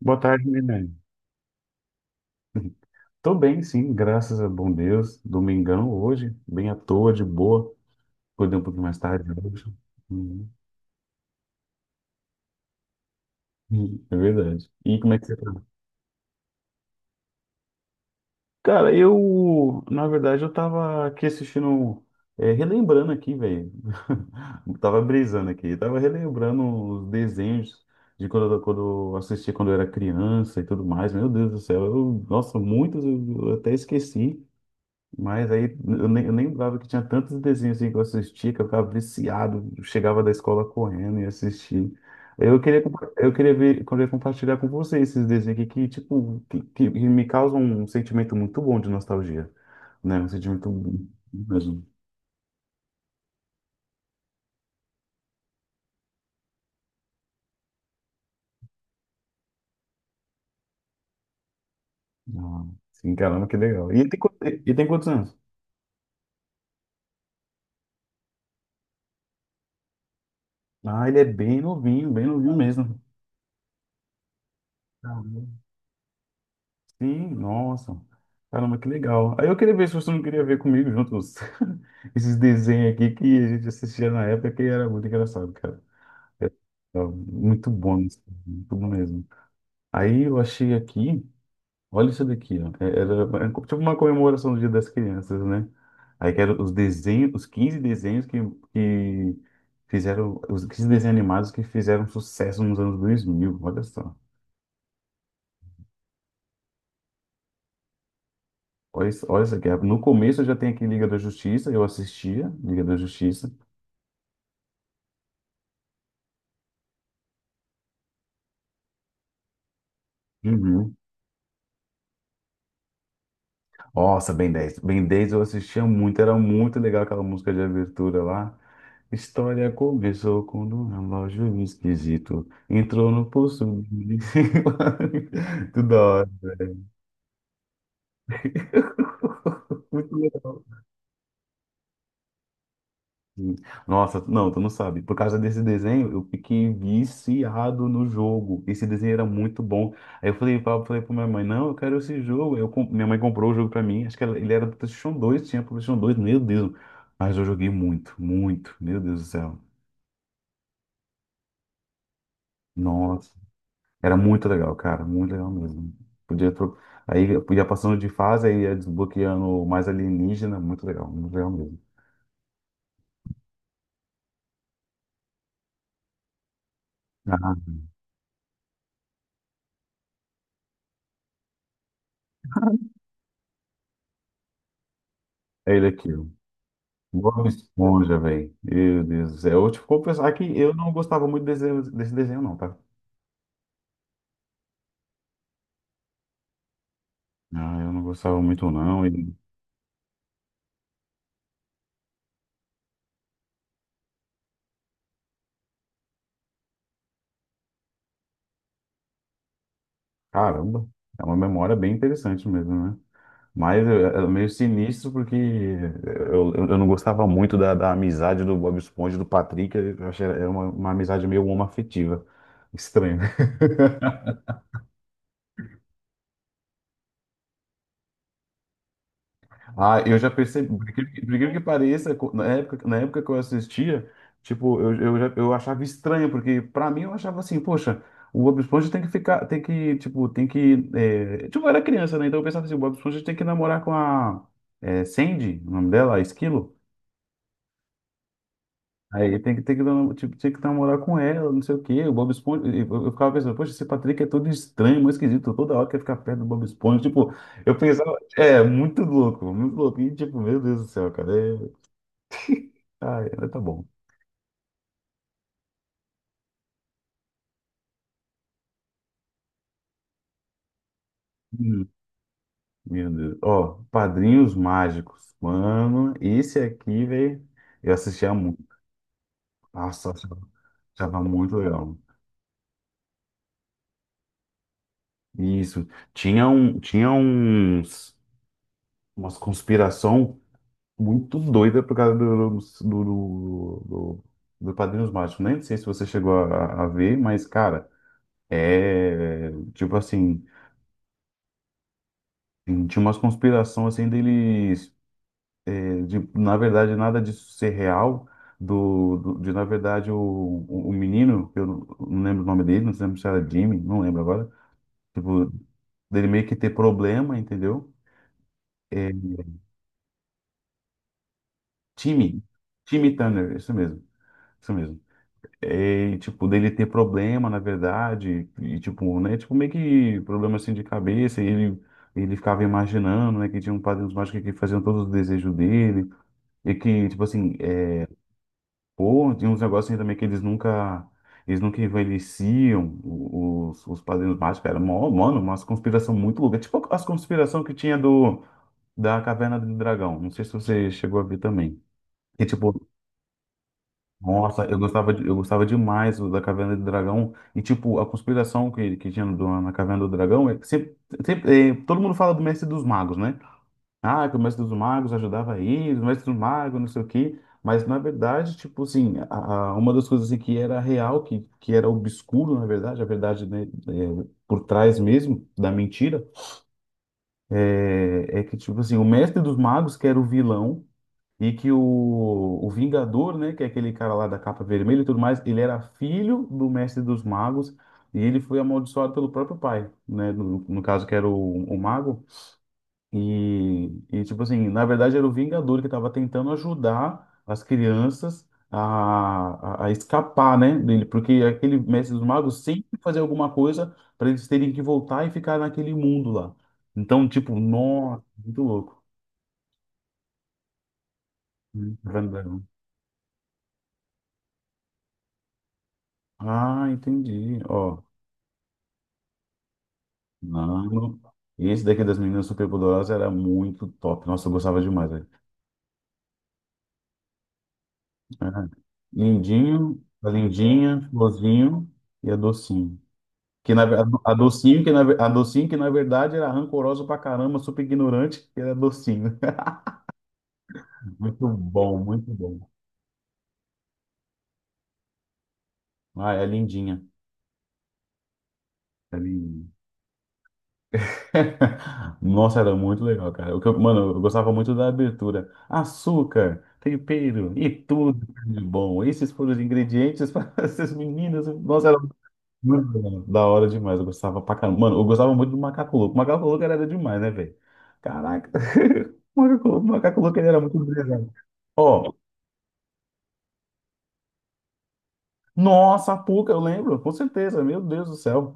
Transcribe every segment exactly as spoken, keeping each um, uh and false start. Boa tarde, Milene. Tô bem, sim, graças a bom Deus. Domingão hoje, bem à toa, de boa. Acordei um pouquinho mais tarde hoje. Uhum. Uhum, é verdade. E como é que você tá? Cara, eu, na verdade, eu tava aqui assistindo, é, relembrando aqui, velho. Tava brisando aqui, tava relembrando os desenhos de quando, eu- quando eu assistia quando eu era criança e tudo mais. Meu Deus do céu, eu, nossa, muitos eu eu até esqueci. Mas aí eu nem, eu nem lembrava que tinha tantos desenhos assim que eu assistia, que eu ficava viciado, chegava da escola correndo e assistia. Eu queria, compa- eu queria ver, eu queria compartilhar com você esses desenhos aqui que, tipo, que, que me causam um sentimento muito bom de nostalgia, né? Um sentimento bom mesmo. Ah, sim, caramba, que legal. E tem, qu- e tem quantos anos? Ah, ele é bem novinho, bem novinho mesmo. Sim, nossa. Caramba, que legal. Aí eu queria ver se você não queria ver comigo juntos esses desenhos aqui que a gente assistia na época que era muito engraçado, cara. Era muito bom, isso, muito bom mesmo. Aí eu achei aqui, olha isso daqui, ó. É- Era é tipo uma comemoração do Dia das Crianças, né? Aí que eram os desenhos, os quinze desenhos que, que fizeram, os quinze desenhos animados que fizeram sucesso nos anos dois mil, olha só. Olha, isso- olha essa aqui. é, No começo eu já tenho aqui Liga da Justiça, eu assistia Liga da Justiça. Uhum. Nossa, Ben dez. Ben dez eu assistia muito, era muito legal aquela música de abertura lá. História começou quando um relógio esquisito entrou no pulso. Tudo da hora. Muito legal. Hum. Nossa, não, tu não sabe. Por causa desse desenho, eu fiquei viciado no jogo. Esse desenho era muito bom. Aí eu falei, pra- falei pra minha mãe, não, eu quero esse jogo. Eu, com- minha mãe comprou o jogo pra mim. Acho que ela- ele era do PlayStation dois, tinha pro PlayStation dois. Meu Deus. Mas eu joguei muito, muito, meu Deus do céu. Nossa, era muito legal, cara, muito legal mesmo. Podia tro... Aí eu ia passando de fase, aí ia desbloqueando mais alienígena, muito legal, muito legal mesmo. Ah, é ele aqui, ó. Bob Esponja, velho. Meu Deus do céu. Eu, tipo, vou pensar que eu não gostava muito desse desenho, desse desenho, não, tá? Ah, eu não gostava muito, não. E, caramba, é uma memória bem interessante mesmo, né? Mas é é meio sinistro porque eu, eu eu não gostava muito da, da amizade do Bob Esponja e do Patrick. Eu achei era uma, uma amizade meio homoafetiva. Estranho. Ah, eu já percebi, por incrível que por incrível que pareça, co- na época, na época que eu assistia, tipo, eu, eu, já- eu achava estranho, porque pra mim eu achava assim, poxa, o Bob Esponja tem que ficar, tem que, tipo, tem que, é, tipo, eu era criança, né, então eu pensava assim, o Bob Esponja tem que namorar com a é, Sandy, o nome dela, a Esquilo, aí tem que, tem que, nam- tipo, tinha que namorar com ela, não sei o quê, o Bob Esponja, e eu, eu ficava pensando, poxa, esse Patrick é todo estranho, muito esquisito, toda hora quer ficar perto do Bob Esponja, tipo, eu pensava, é, muito louco, muito louco, e tipo, meu Deus do céu, cara, é Ah, ainda tá bom. Hum, Meu Deus. Ó, Padrinhos Mágicos. Mano, esse aqui, velho, eu assistia muito. Nossa, eu achava achava muito legal. Isso. Tinha um, tinha uns, umas conspiração muito doida por causa do, do, do, do- do Padrinhos Mágicos. Nem sei se você chegou a, a ver, mas, cara, é tipo assim, tinha umas conspirações assim deles. De, na verdade, nada disso ser real, do, do- de, na verdade, o, o, o menino, que eu não não lembro o nome dele, não lembro se era Jimmy, não lembro agora, tipo, dele meio que ter problema, entendeu? É, Timmy, Timmy Turner, isso mesmo, isso mesmo. É, e, tipo, dele ter problema, na verdade, e tipo, né, tipo, meio que problema assim de cabeça, e ele, ele ficava imaginando, né, que tinha um padrinho mágico que faziam todos os desejos dele, e que, tipo assim, é, pô, tem uns negócios aí também que eles nunca. Eles nunca envelheciam, o- os, os padrinhos mágicos. Era, mó- mano, umas conspiração muito louca. Tipo as conspiração que tinha do, da Caverna do Dragão. Não sei se você chegou a ver também. E tipo, nossa, eu gostava, de- eu gostava demais do- da Caverna do Dragão. E tipo, a conspiração que, que tinha do- na Caverna do Dragão. É que sempre, sempre, é, todo mundo fala do Mestre dos Magos, né? Ah, que o mestre dos magos ajudava aí, o mestre dos magos, não sei o quê. Mas, na verdade, tipo assim, a, a- uma das coisas assim, que era real, que, que era obscuro, na verdade, a verdade, né, é, por trás mesmo da mentira, é, é que, tipo assim, o mestre dos magos, que era o vilão, e que o, o Vingador, né, que é aquele cara lá da capa vermelha e tudo mais, ele era filho do mestre dos magos, e ele foi amaldiçoado pelo próprio pai, né, no, no caso, que era o, o mago. E, e, tipo assim, na verdade era o Vingador que estava tentando ajudar as crianças a, a, a escapar, né, dele, porque aquele mestre dos magos sempre fazia alguma coisa para eles terem que voltar e ficar naquele mundo lá. Então, tipo, nossa, muito louco. Hum, Brandão. Ah, entendi. Ó, não. Esse daqui das meninas superpoderosas era muito top. Nossa, eu gostava demais, velho. É. Lindinho, a lindinha, florzinho e a docinho. Que na, ver- a docinho, que na, ver- a docinho, que na verdade era rancorosa pra caramba, super ignorante, que era docinho. Muito bom, muito bom. Ah, é lindinha. É lindinha. Nossa, era muito legal, cara. O que eu- mano, eu gostava muito da abertura. Açúcar, tempero e tudo de bom. Esses foram os ingredientes para essas meninas. Nossa, era muito legal. Da hora demais. Eu gostava pra caramba. Mano, eu gostava muito do Macaco Louco. O Macaco Louco era demais, né, velho? Caraca. O Macaco Louco o Macaco Louco, ele era muito brilhante. Ó, nossa, a Puca, eu lembro, com certeza. Meu Deus do céu.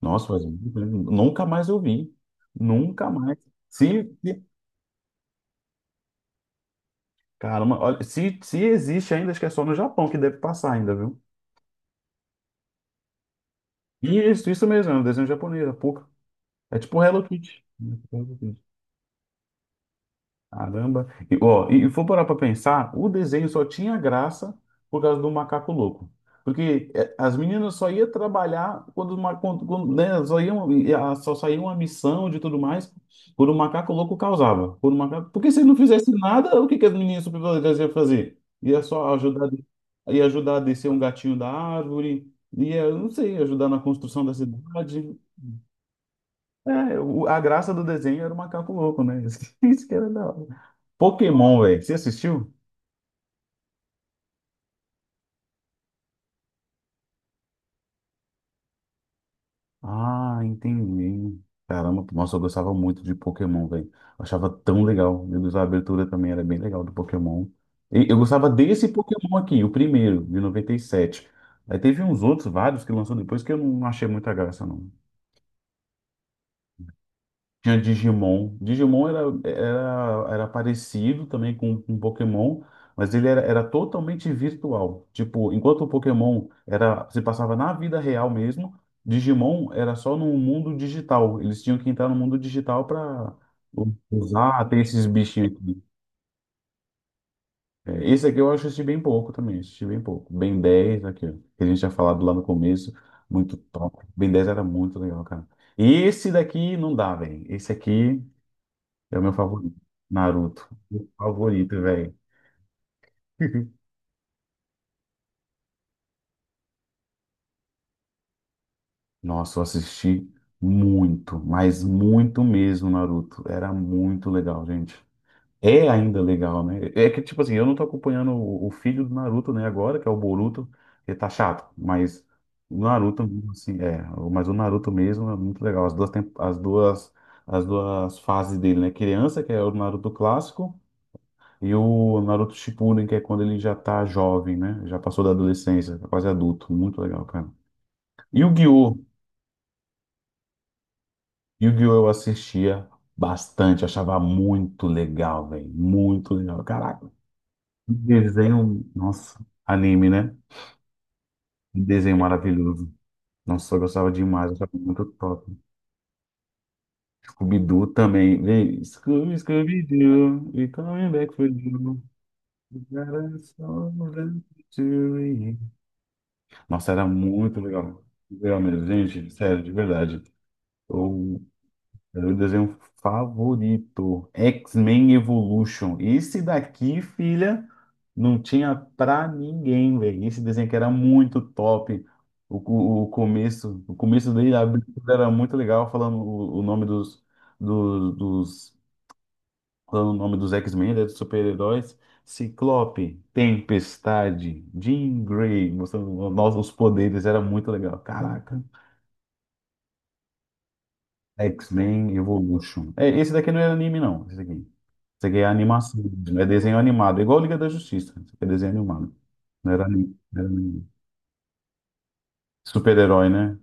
Nossa, faz muito tempo. Nunca mais eu vi. Nunca mais. Se, se- Caramba, olha, se, se existe ainda, acho que é só no Japão que deve passar ainda, viu? Isso, isso mesmo, é um desenho japonês, a Puca. É tipo Hello Kitty. Caramba. E, ó, e, e for parar para pensar, o desenho só tinha graça por causa do macaco louco. Porque eh, as meninas só iam trabalhar quando, os ma- quando, quando, né, só iam, e a- só saía uma missão de tudo mais por um macaco louco causava. Por um macaco... Porque se não fizesse nada, o que que as meninas superpoderosas iam fazer? Ia só ajudar, a- ia ajudar a descer um gatinho da árvore, ia, não sei, ajudar na construção da cidade. É, o- a graça do desenho era o macaco louco, né? Isso que era da hora. Pokémon, velho. Você assistiu? Ah, entendi. Caramba, nossa, eu gostava muito de Pokémon, velho. Eu achava tão legal. Meu Deus, a abertura também era bem legal do Pokémon. E eu gostava desse Pokémon aqui, o primeiro, de noventa e sete. Aí teve uns outros, vários, que lançou depois que eu não achei muita graça, não. Tinha Digimon. Digimon era, era, era parecido também com, com Pokémon, mas ele era, era totalmente virtual. Tipo, enquanto o Pokémon era, se passava na vida real mesmo, Digimon era só no mundo digital. Eles tinham que entrar no mundo digital para usar, ter esses bichinhos aqui. É, esse aqui eu assisti bem pouco também, assisti bem pouco. Ben dez aqui, ó, que a gente tinha falado lá no começo, muito top. Ben dez era muito legal, cara. E esse daqui não dá, velho. Esse aqui. É o meu favorito. Naruto. Meu favorito, velho. Nossa, eu assisti muito, mas muito mesmo, Naruto. Era muito legal, gente. É ainda legal, né? É que, tipo assim, eu não tô acompanhando o, o filho do Naruto, né, agora, que é o Boruto, que tá chato, mas o Naruto, mesmo, assim, é. o- Mas o Naruto mesmo é muito legal. As duas, tem- as duas, as duas fases dele, né? Criança, que é o Naruto clássico, e o Naruto Shippuden, que é quando ele já tá jovem, né? Já passou da adolescência, tá quase adulto. Muito legal, cara. E o Yu-Gi-Oh! Yu-Gi-Oh! Eu assistia bastante, achava muito legal, velho. Muito legal. Caraca, que desenho. Nossa, anime, né? Que desenho maravilhoso. Nossa, eu gostava demais, eu achava muito top. Scooby-Doo também. Vem Scooby, Scooby-Doo, we coming back for you. We got a song left to Nossa, era muito legal. Legal mesmo, gente, sério, de verdade. Eu, era o desenho favorito, X-Men Evolution. Esse daqui, filha, não tinha pra ninguém, velho. Esse desenho que era muito top. O, co- o começo, o começo dele, a abertura era muito legal, falando o, o nome dos, dos, dos falando o nome dos X-Men, né, dos super-heróis. Ciclope, Tempestade, Jean Grey, mostrando nós os poderes, era muito legal. Caraca. X-Men Evolution. É, esse daqui não é anime, não. Esse daqui. Esse aqui é animação, mesmo, é desenho animado. É igual Liga da Justiça. Isso aqui é desenho animado. Não era anime. Não era anime. Super-herói, né?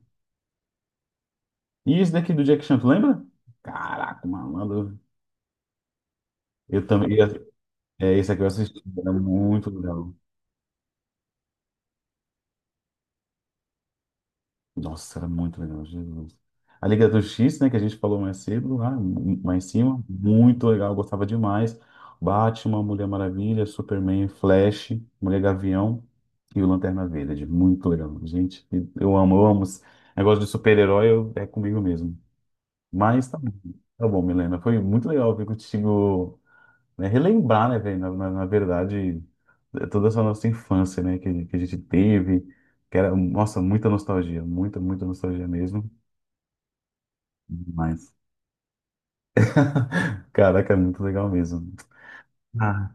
E esse daqui do Jack Chan, tu lembra? Caraca, malandro. Eu também. É, esse aqui eu assisti. Era muito legal. Nossa, era muito legal, Jesus. A Liga do X, né, que a gente falou mais cedo, lá, m- mais em cima, muito legal, eu gostava demais. Batman, Mulher Maravilha, Superman, Flash, Mulher Gavião e o Lanterna Verde. Muito legal, gente. Eu amo, eu amo. Esse negócio de super-herói eu- é comigo mesmo. Mas tá bom, tá bom, Milena. Foi muito legal ver contigo, né, relembrar, né, velho, na, na, na verdade, eh, toda essa nossa infância, né, que, que a gente teve, que era, nossa, muita nostalgia, muita, muita nostalgia mesmo, mas, caraca, é muito legal mesmo. Ah,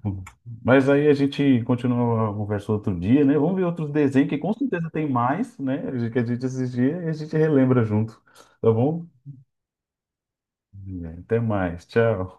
mas aí a gente continua a conversa outro dia, né, vamos ver outros desenhos, que com certeza tem mais, né, que a gente assistia e a gente relembra junto, tá bom? Até mais, tchau.